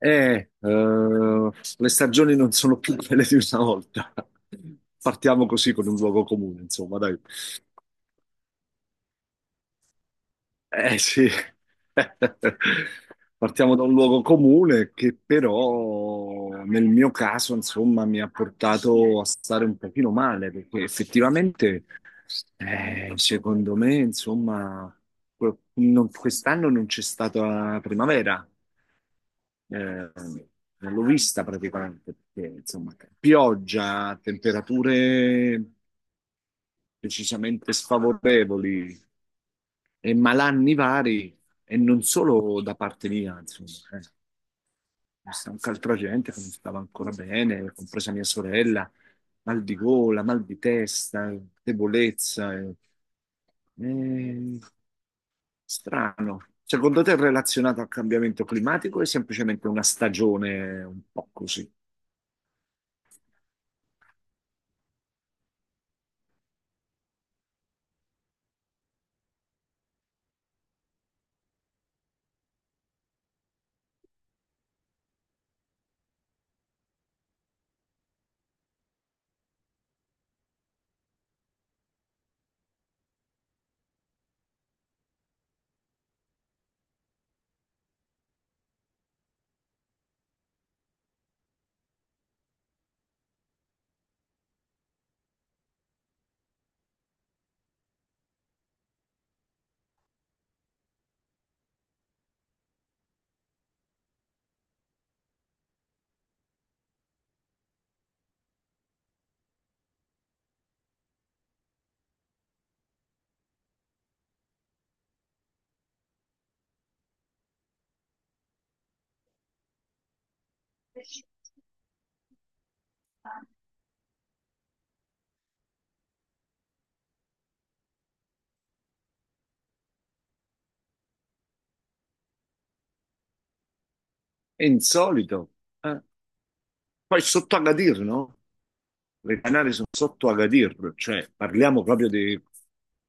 Eh, eh, le stagioni non sono più quelle di una volta. Partiamo così con un luogo comune, insomma, dai. Eh sì, partiamo da un luogo comune che però nel mio caso, insomma, mi ha portato a stare un pochino male, perché effettivamente, secondo me, insomma, quest'anno non c'è stata primavera. Eh, non l'ho vista praticamente perché, insomma, pioggia, temperature decisamente sfavorevoli e malanni vari, e non solo da parte mia, insomma. eh. C'è stata anche altra gente che non stava ancora bene, compresa mia sorella, mal di gola, mal di testa, debolezza. Eh, strano. Secondo te è relazionato al cambiamento climatico o è semplicemente una stagione un po' così? È insolito. eh. Poi sotto Agadir, no? Le Canarie sono sotto Agadir, cioè parliamo proprio di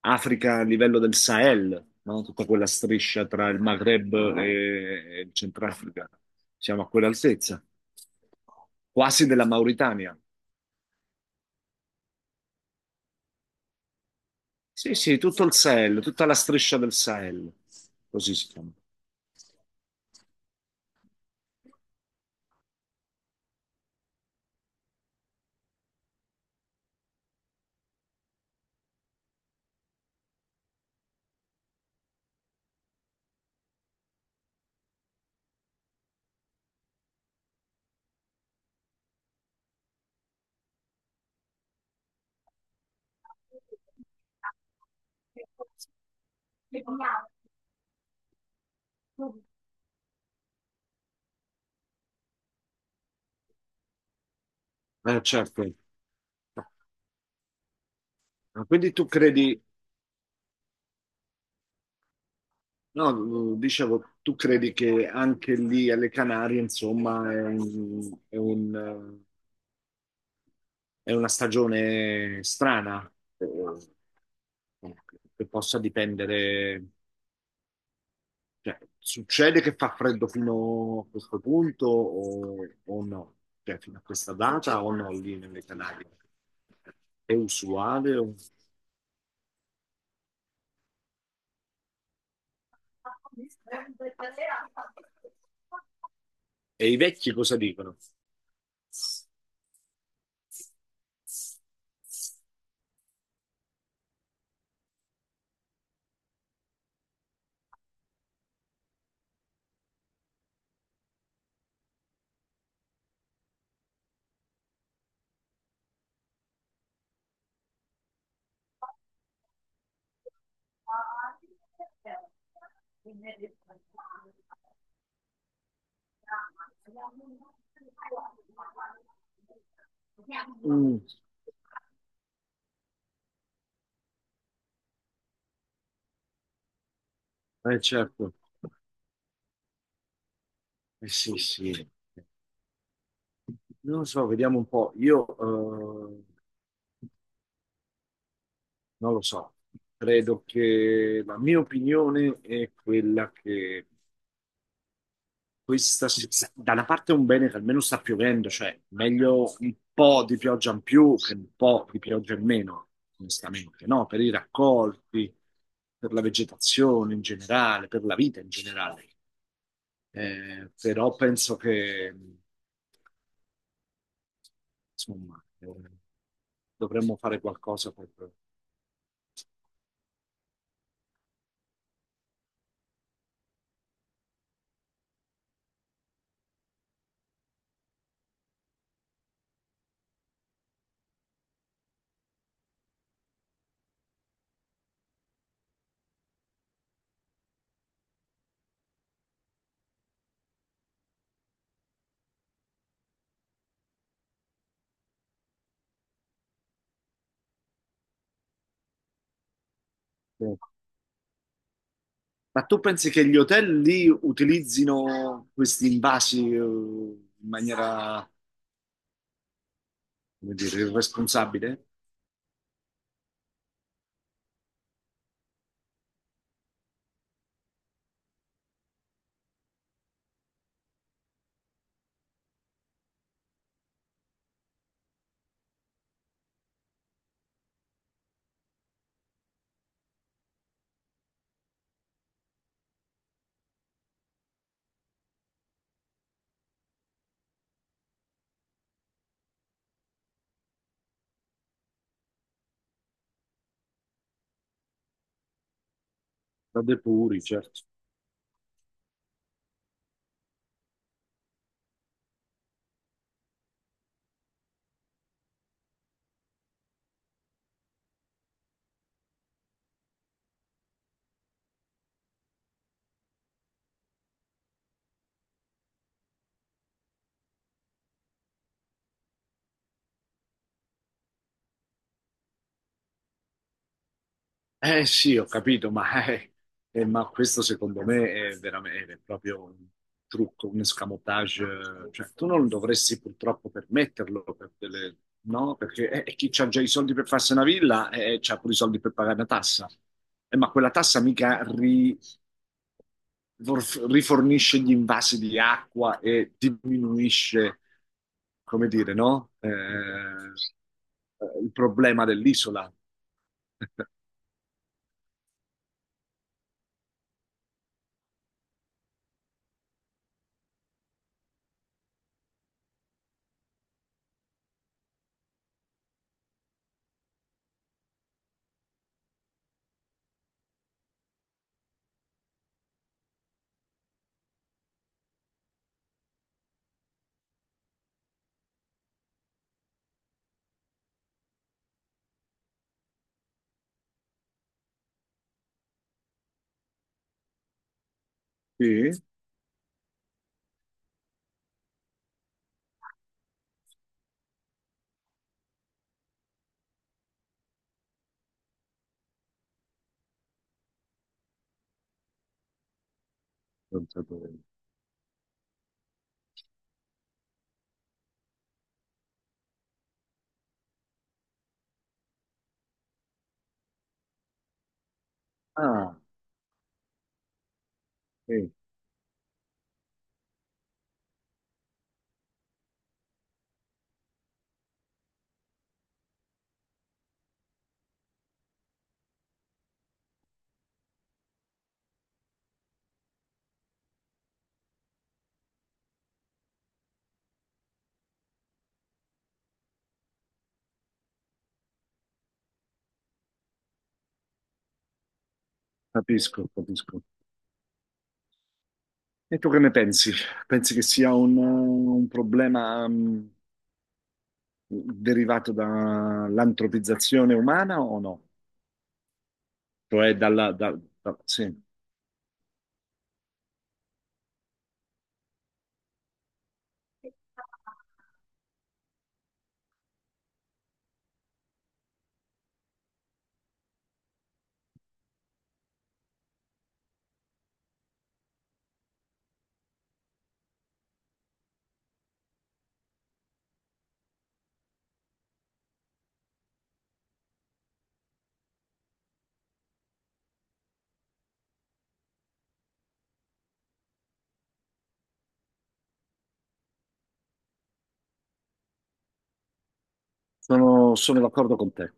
Africa a livello del Sahel, no? Tutta quella striscia tra il Maghreb e il Centrafrica. Siamo a quell'altezza, quasi della Mauritania. Sì, sì, tutto il Sahel, tutta la striscia del Sahel, così si chiama. Certo. Ma Quindi tu credi, No, dicevo, tu credi che anche lì alle Canarie, insomma, è una stagione strana, eh, che possa dipendere, cioè, succede che fa freddo fino a questo punto o no? Cioè, fino a questa data o no lì nelle Canarie? È usuale? E i vecchi cosa dicono? Mm, certo, sì, sì. Non lo so, vediamo un po'. Io eh, non lo so, credo che la mia opinione è quella che Questa, si- da una parte è un bene che almeno sta piovendo, cioè meglio un po' di pioggia in più che un po' di pioggia in meno, onestamente, no? Per i raccolti, per la vegetazione in generale, per la vita in generale. Però penso che, insomma, dovremmo fare qualcosa. Ma tu pensi che gli hotel lì utilizzino questi invasi, in maniera, come dire, irresponsabile? Da depuri, certo. Eh sì, ho capito, ma questo secondo me è veramente è proprio un trucco, un escamotage. Cioè, tu non dovresti purtroppo permetterlo, no? Perché chi ha già i soldi per farsi una villa c'ha pure i soldi per pagare una tassa. Ma quella tassa mica rifornisce gli invasi di acqua e diminuisce, come dire, no? Il problema dell'isola. Sì? Non sapevo. Ah, sì, capisco, capisco. E tu che ne pensi? Pensi che sia un problema derivato dall'antropizzazione umana o no? Cioè dalla... da- sì, sono d'accordo con te.